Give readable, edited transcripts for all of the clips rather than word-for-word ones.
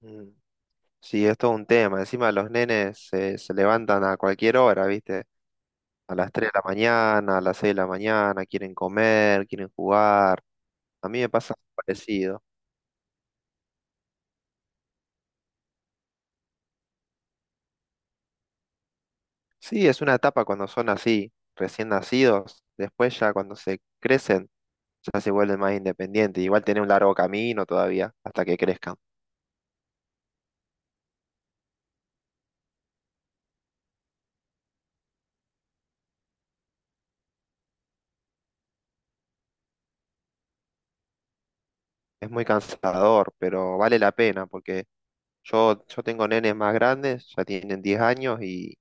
Mm. Sí, es todo un tema. Encima los nenes se levantan a cualquier hora, ¿viste? A las 3 de la mañana, a las 6 de la mañana, quieren comer, quieren jugar. A mí me pasa algo parecido. Sí, es una etapa cuando son así, recién nacidos. Después ya cuando se crecen, ya se vuelven más independientes. Igual tienen un largo camino todavía hasta que crezcan. Es muy cansador, pero vale la pena porque yo tengo nenes más grandes, ya tienen 10 años, y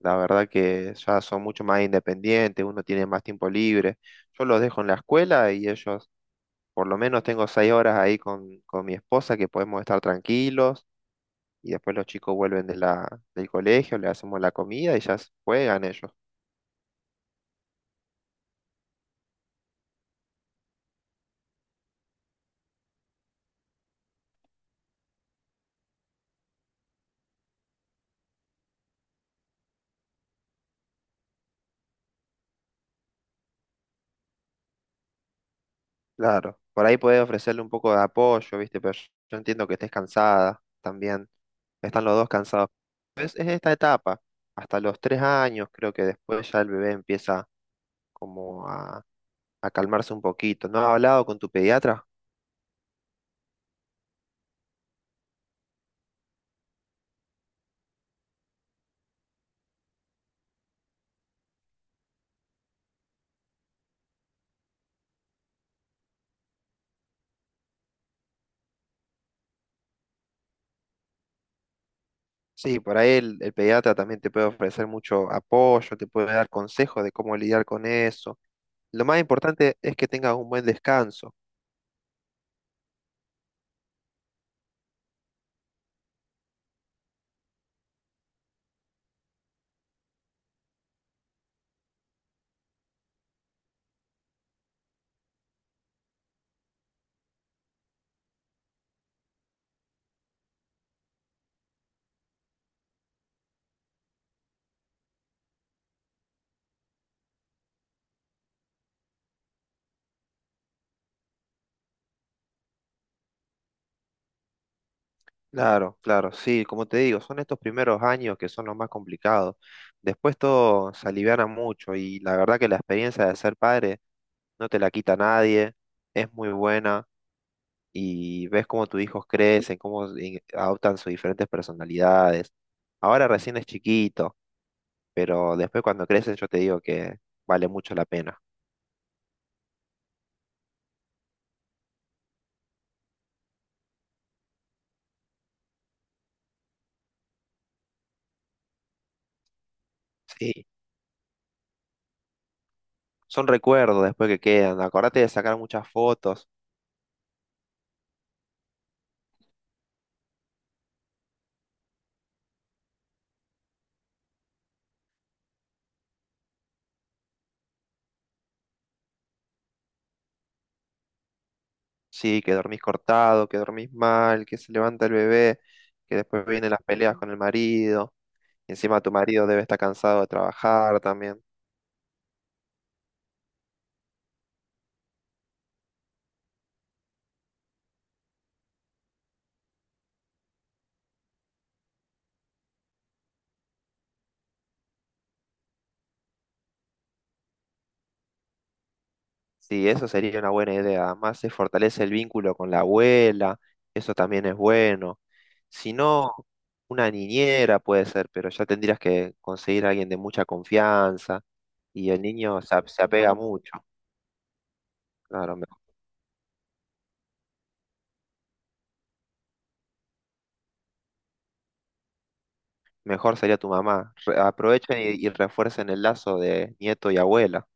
la verdad que ya son mucho más independientes, uno tiene más tiempo libre. Yo los dejo en la escuela y ellos, por lo menos tengo 6 horas ahí con mi esposa que podemos estar tranquilos, y después los chicos vuelven de del colegio, le hacemos la comida y ya juegan ellos. Claro, por ahí podés ofrecerle un poco de apoyo, ¿viste? Pero yo entiendo que estés cansada también. Están los dos cansados. Es esta etapa, hasta los 3 años, creo que después ya el bebé empieza como a calmarse un poquito. ¿No has hablado con tu pediatra? Sí, por ahí el pediatra también te puede ofrecer mucho apoyo, te puede dar consejos de cómo lidiar con eso. Lo más importante es que tengas un buen descanso. Claro, claro, sí, como te digo, son estos primeros años que son los más complicados. Después todo se aliviana mucho y la verdad que la experiencia de ser padre no te la quita nadie, es muy buena. Y ves cómo tus hijos crecen, cómo adoptan sus diferentes personalidades. Ahora recién es chiquito, pero después cuando crecen yo te digo que vale mucho la pena. Sí, son recuerdos después que quedan. Acordate de sacar muchas fotos. Sí, que dormís cortado, que dormís mal, que se levanta el bebé, que después vienen las peleas con el marido. Y encima tu marido debe estar cansado de trabajar también. Sí, eso sería una buena idea. Además, se fortalece el vínculo con la abuela, eso también es bueno. Si no, una niñera puede ser, pero ya tendrías que conseguir a alguien de mucha confianza, y el niño se, se apega mucho. Claro, mejor sería tu mamá. Aprovechen y refuercen el lazo de nieto y abuela.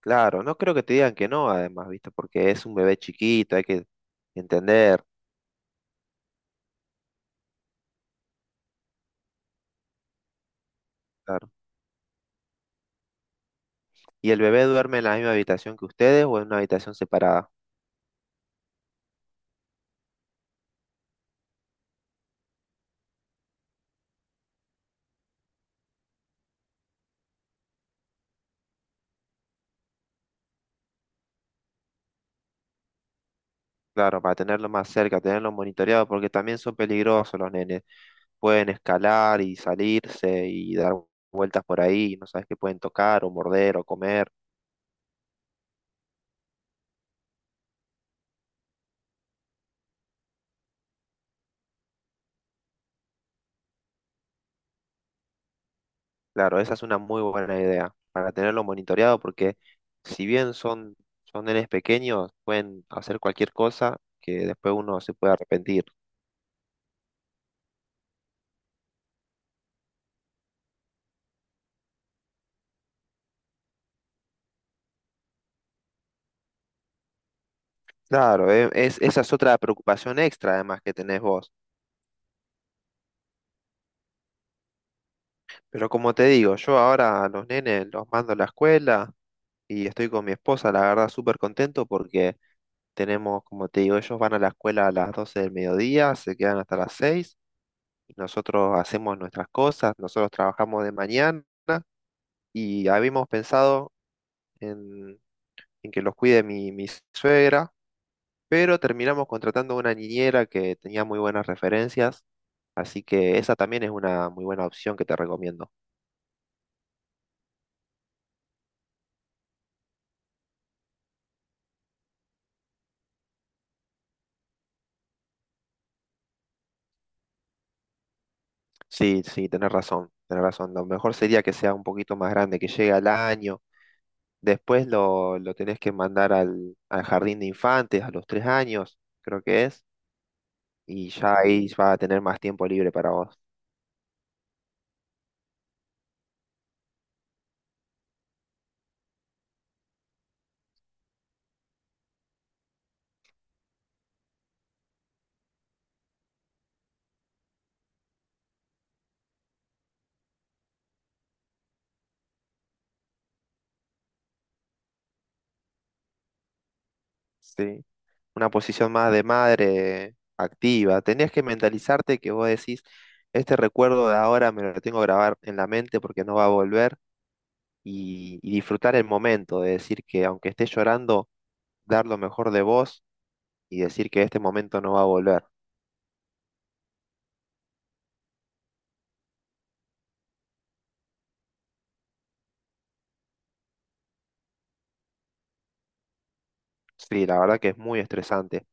Claro, no creo que te digan que no, además, ¿viste? Porque es un bebé chiquito, hay que entender. Claro. ¿Y el bebé duerme en la misma habitación que ustedes o en una habitación separada? Claro, para tenerlo más cerca, tenerlo monitoreado, porque también son peligrosos los nenes. Pueden escalar y salirse y dar vueltas por ahí, y no sabes qué pueden tocar o morder o comer. Claro, esa es una muy buena idea, para tenerlo monitoreado, porque si bien son nenes pequeños, pueden hacer cualquier cosa que después uno se puede arrepentir. Claro, esa es otra preocupación extra además que tenés vos. Pero como te digo, yo ahora a los nenes los mando a la escuela y estoy con mi esposa, la verdad, súper contento porque tenemos, como te digo, ellos van a la escuela a las 12 del mediodía, se quedan hasta las 6 y nosotros hacemos nuestras cosas, nosotros trabajamos de mañana y habíamos pensado en, en que los cuide mi suegra, pero terminamos contratando una niñera que tenía muy buenas referencias, así que esa también es una muy buena opción que te recomiendo. Sí, sí, tenés razón, tenés razón. Lo mejor sería que sea un poquito más grande, que llegue al año. Después lo tenés que mandar al jardín de infantes a los 3 años, creo que es, y ya ahí va a tener más tiempo libre para vos. Sí. Una posición más de madre activa. Tenés que mentalizarte que vos decís, este recuerdo de ahora me lo tengo que grabar en la mente porque no va a volver y disfrutar el momento, de decir que aunque estés llorando, dar lo mejor de vos y decir que este momento no va a volver. Sí, la verdad que es muy estresante,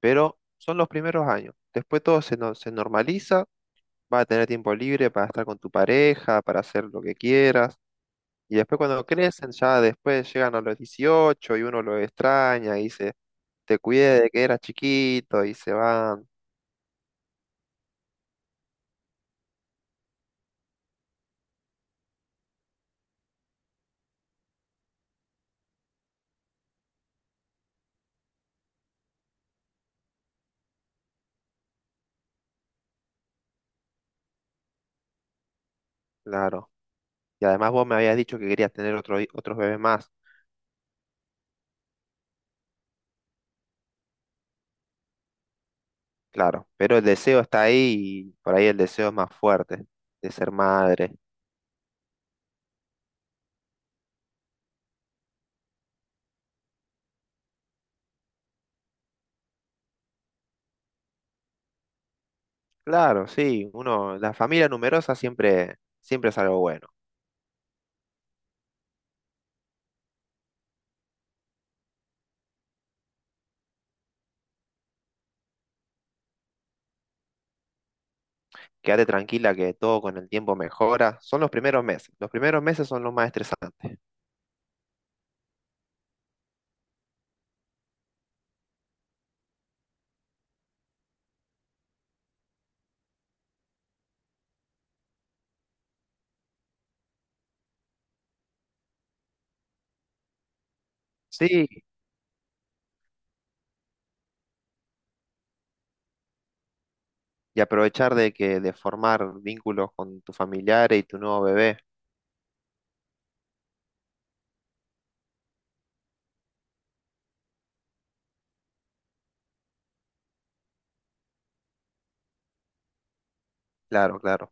pero son los primeros años. Después todo se, no- se normaliza, vas a tener tiempo libre para estar con tu pareja, para hacer lo que quieras. Y después cuando crecen, ya después llegan a los 18 y uno lo extraña y dice, te cuidé de que eras chiquito y se van. Claro. Y además vos me habías dicho que querías tener otros bebés más. Claro. Pero el deseo está ahí y por ahí el deseo es más fuerte de ser madre. Claro, sí, uno, la familia numerosa siempre, siempre es algo bueno. Quédate tranquila que todo con el tiempo mejora. Son los primeros meses. Los primeros meses son los más estresantes. Sí, y aprovechar de que de formar vínculos con tus familiares y tu nuevo bebé. Claro, claro.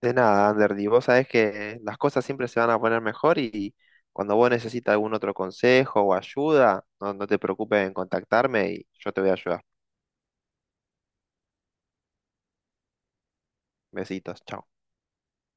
De nada, Ander, y vos sabés que las cosas siempre se van a poner mejor y cuando vos necesitas algún otro consejo o ayuda, no, no te preocupes en contactarme y yo te voy a ayudar. Besitos, chao.